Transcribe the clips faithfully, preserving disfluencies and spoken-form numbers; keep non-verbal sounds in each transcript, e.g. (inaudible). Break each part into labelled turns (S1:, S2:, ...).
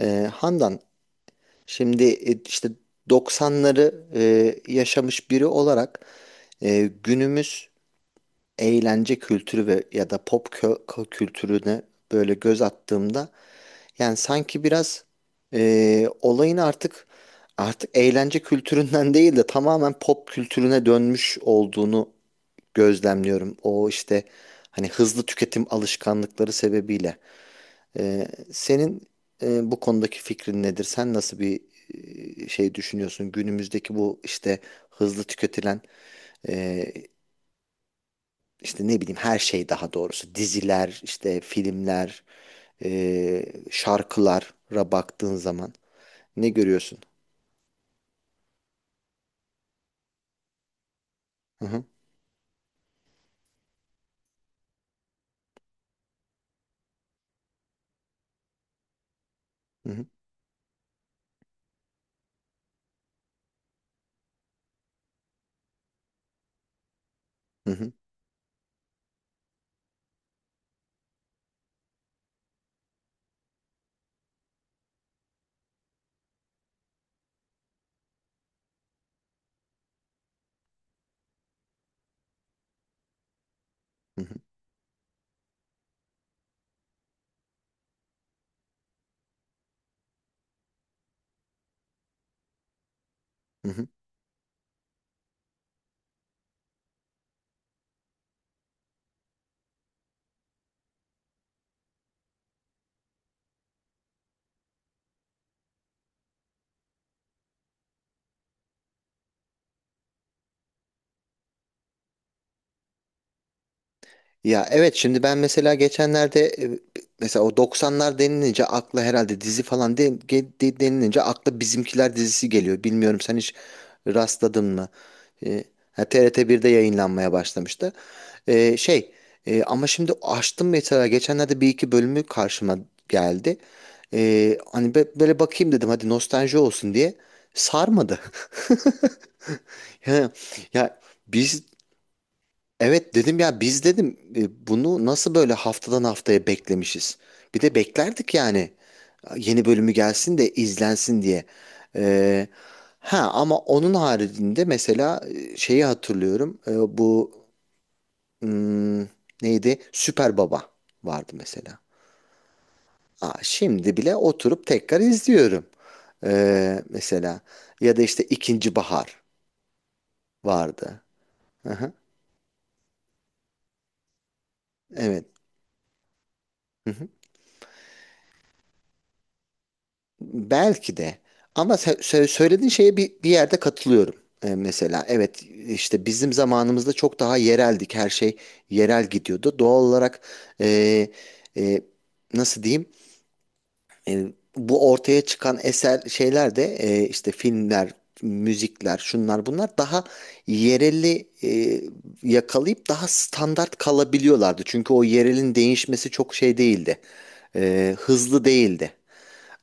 S1: Ee, Handan, şimdi e, işte doksanları e, yaşamış biri olarak e, günümüz eğlence kültürü ve ya da pop kö- kö- kültürüne böyle göz attığımda yani sanki biraz e, olayın artık artık eğlence kültüründen (laughs) değil de tamamen pop kültürüne dönmüş olduğunu gözlemliyorum. O işte hani hızlı tüketim alışkanlıkları sebebiyle. Ee, senin e, bu konudaki fikrin nedir? Sen nasıl bir e, şey düşünüyorsun? Günümüzdeki bu işte hızlı tüketilen e, işte ne bileyim her şey, daha doğrusu diziler, işte filmler, e, şarkılara baktığın zaman ne görüyorsun? Hı hı, hı hı, hı hı, hı hı, hı hı. Ya evet, şimdi ben mesela geçenlerde e, mesela o doksanlar denilince akla herhalde dizi falan de, ge- de- denilince akla Bizimkiler dizisi geliyor. Bilmiyorum, sen hiç rastladın mı? E, ha, T R T birde yayınlanmaya başlamıştı. E, şey, e, ama şimdi açtım mesela geçenlerde bir iki bölümü karşıma geldi. E, hani be- böyle bakayım dedim, hadi nostalji olsun diye sarmadı. (laughs) Ya, ya biz Evet dedim ya, biz dedim e, bunu nasıl böyle haftadan haftaya beklemişiz. Bir de beklerdik yani, yeni bölümü gelsin de izlensin diye. Ee, ha, ama onun haricinde mesela e, şeyi hatırlıyorum. Ee, bu hmm, neydi? Süper Baba vardı mesela. Aa, şimdi bile oturup tekrar izliyorum. Ee, mesela ya da işte İkinci Bahar vardı. Hı hı, evet. Belki de. Ama sö- sö- söylediğin şeye bir, bir yerde katılıyorum. Ee, mesela evet, işte bizim zamanımızda çok daha yereldik. Her şey yerel gidiyordu. Doğal olarak e, e, nasıl diyeyim? E, bu ortaya çıkan eser şeyler de e, işte filmler, müzikler, şunlar bunlar daha yereli e, yakalayıp daha standart kalabiliyorlardı. Çünkü o yerelin değişmesi çok şey değildi. E, hızlı değildi.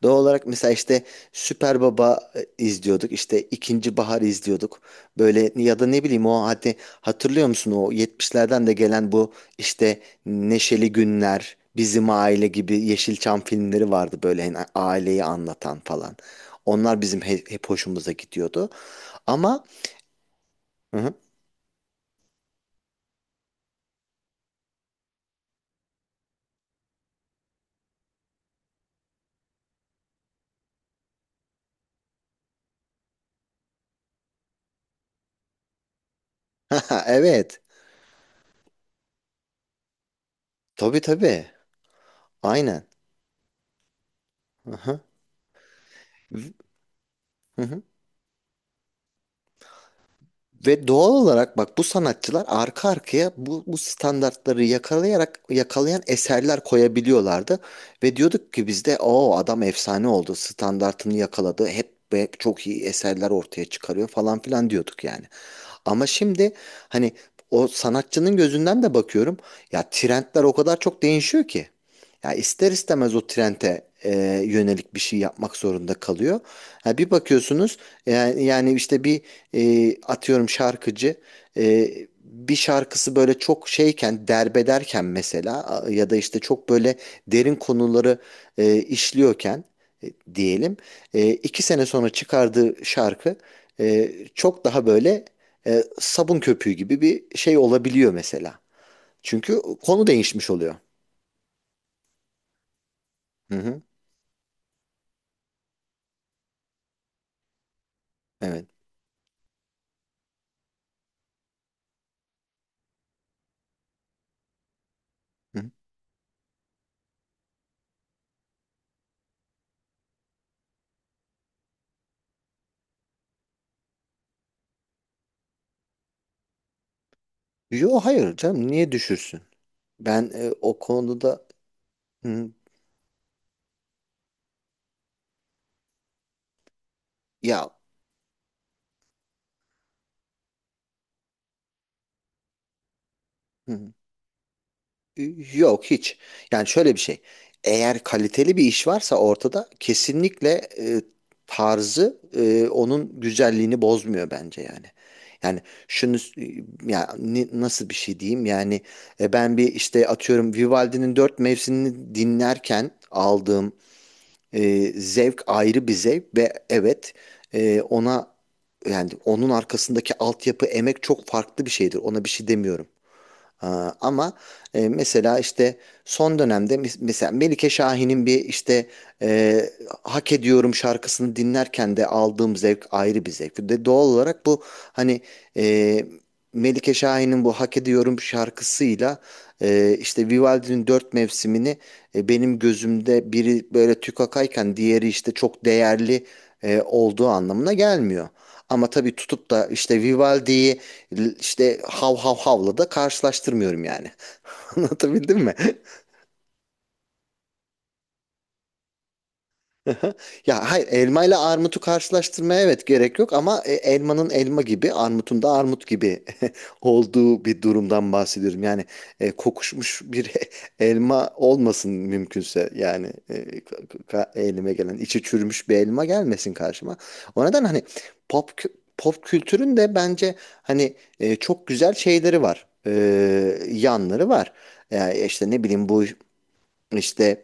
S1: Doğal olarak mesela işte Süper Baba e, izliyorduk. İşte İkinci Bahar izliyorduk. Böyle ya da ne bileyim, o hadi hatırlıyor musun o yetmişlerden de gelen bu işte Neşeli Günler, Bizim Aile gibi Yeşilçam filmleri vardı, böyle hani aileyi anlatan falan. Onlar bizim he- hep hoşumuza gidiyordu. Ama. Hı hı. (laughs) Evet. Tabii, tabii. Aynen. Hı hı. Hı hı. Ve doğal olarak bak, bu sanatçılar arka arkaya bu, bu standartları yakalayarak, yakalayan eserler koyabiliyorlardı. Ve diyorduk ki bizde o adam efsane oldu, standartını yakaladı hep ve çok iyi eserler ortaya çıkarıyor falan filan diyorduk yani. Ama şimdi hani o sanatçının gözünden de bakıyorum, ya trendler o kadar çok değişiyor ki. Ya ister istemez o trende e, yönelik bir şey yapmak zorunda kalıyor. Ha, bir bakıyorsunuz yani, yani işte bir e, atıyorum şarkıcı, e, bir şarkısı böyle çok şeyken, derbederken mesela, a- ya da işte çok böyle derin konuları e, işliyorken e, diyelim e, iki sene sonra çıkardığı şarkı e, çok daha böyle e, sabun köpüğü gibi bir şey olabiliyor mesela. Çünkü konu değişmiş oluyor. Hı hı, evet. Hı hı. Yo, hayır canım, niye düşürsün? Ben e, o konuda hı, ya hı. Yok, hiç. Yani şöyle bir şey. Eğer kaliteli bir iş varsa ortada, kesinlikle e, tarzı e, onun güzelliğini bozmuyor bence yani. Yani şunu, ya ni- nasıl bir şey diyeyim yani, e, ben bir işte atıyorum Vivaldi'nin dört mevsimini dinlerken aldığım e, zevk ayrı bir zevk ve evet, e, ona, yani onun arkasındaki altyapı, emek çok farklı bir şeydir, ona bir şey demiyorum. Aa, ama e, mesela işte son dönemde mes- mesela Melike Şahin'in bir işte e, Hak Ediyorum şarkısını dinlerken de aldığım zevk ayrı bir zevk. De doğal olarak bu hani e, Melike Şahin'in bu Hak Ediyorum şarkısıyla e, işte Vivaldi'nin Dört Mevsimini e, benim gözümde biri böyle tükakayken diğeri işte çok değerli e, olduğu anlamına gelmiyor. Ama tabii tutup da işte Vivaldi'yi L- işte hav hav havla da karşılaştırmıyorum yani. (laughs) Anlatabildim mi? (laughs) Aha. Ya hayır, elma ile armutu karşılaştırmaya evet gerek yok, ama e, elmanın elma gibi, armutun da armut gibi (laughs) olduğu bir durumdan bahsediyorum. Yani e, kokuşmuş bir (laughs) elma olmasın mümkünse yani, e, ka- ka- elime gelen içi çürümüş bir elma gelmesin karşıma. O neden hani pop kü- pop kültürün de bence hani e, çok güzel şeyleri var, E, yanları var. Yani işte ne bileyim, bu işte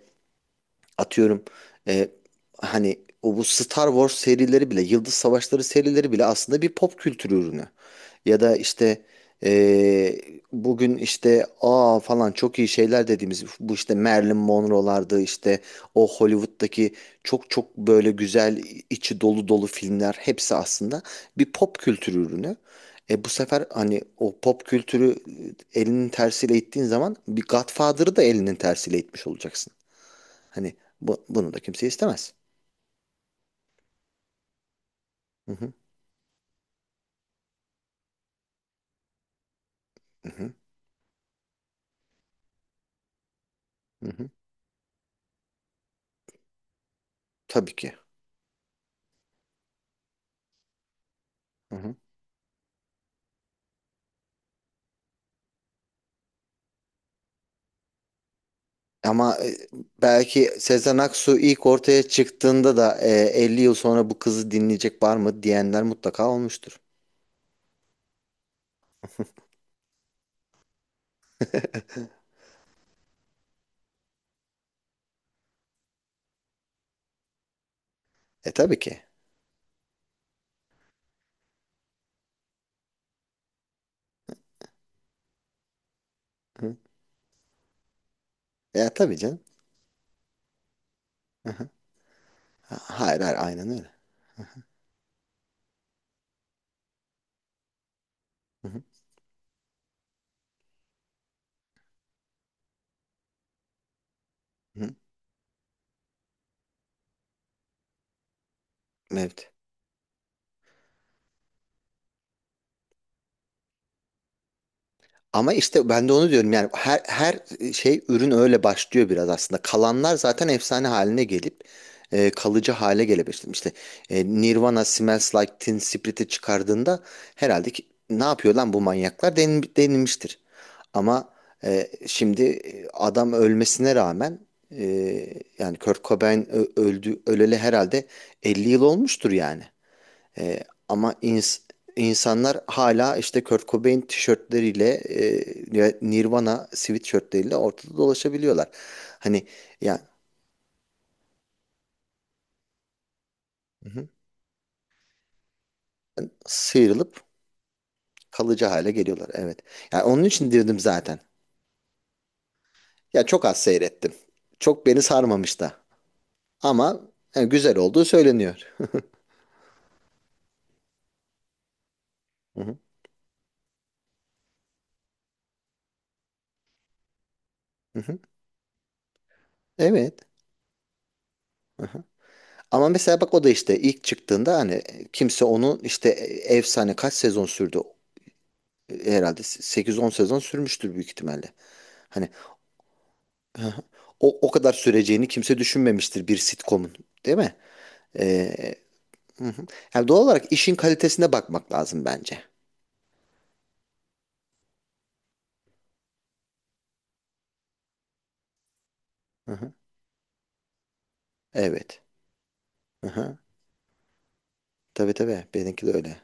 S1: atıyorum, e, hani o bu Star Wars serileri bile, Yıldız Savaşları serileri bile aslında bir pop kültürü ürünü. Ya da işte e, bugün işte aa falan çok iyi şeyler dediğimiz bu işte Marilyn Monroe'lardı, işte o Hollywood'daki çok çok böyle güzel, içi dolu dolu filmler hepsi aslında bir pop kültürü ürünü. E bu sefer hani o pop kültürü e, elinin tersiyle ittiğin zaman, bir Godfather'ı da elinin tersiyle itmiş olacaksın. Hani bu, bunu da kimse istemez. Hı hı, hı hı, hı hı. Tabii ki. Hı hı. Ama e, belki Sezen Aksu ilk ortaya çıktığında da e, elli yıl sonra bu kızı dinleyecek var mı diyenler mutlaka olmuştur. E tabii ki. Hı. E tabii canım. Hı hı. Ha- Hayır, hayır, aynen öyle. Hı hı, hı hı. Evet. Ama işte ben de onu diyorum yani, her, her e, şey ürün öyle başlıyor biraz aslında. Kalanlar zaten efsane haline gelip e, kalıcı hale gelebilir. İşte e, Nirvana Smells Like Teen Spirit'i çıkardığında herhalde ki, ne yapıyor lan bu manyaklar, den, denilmiştir. Ama e, şimdi e, adam ölmesine rağmen, e, yani Kurt Cobain ö- öldü öleli herhalde elli yıl olmuştur yani. E, ama ins- insanlar hala işte Kurt Cobain tişörtleriyle, e, Nirvana sweatshirtleriyle ortada dolaşabiliyorlar. Hani ya hı, sıyrılıp kalıcı hale geliyorlar. Evet. Yani onun için dedim zaten. Ya çok az seyrettim. Çok beni sarmamış da. Ama e, güzel olduğu söyleniyor. Hı hı, hı hı. Evet. Hı hı. Ama mesela bak, o da işte ilk çıktığında hani kimse onun işte e, efsane kaç sezon sürdü? E, herhalde sekiz on sezon sürmüştür büyük ihtimalle. Hani (laughs) o, o kadar süreceğini kimse düşünmemiştir bir sitcom'un, değil mi? Ee, hı hı. Yani doğal olarak işin kalitesine bakmak lazım bence. Hı hı. Evet. Hı hı. Tabii, tabii. Benimki de öyle.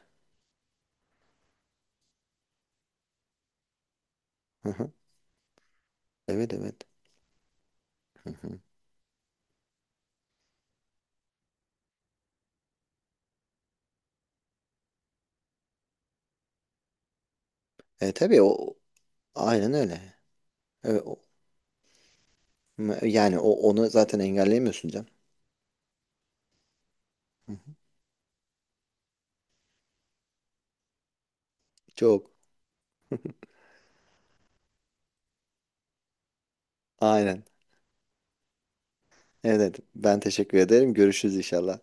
S1: Hı hı. Evet, evet. Hı hı. E, tabii o, aynen öyle. Evet, o- yani o onu zaten engelleyemiyorsun canım. Hı hı. Çok. Aynen. Evet, evet. Ben teşekkür ederim. Görüşürüz inşallah.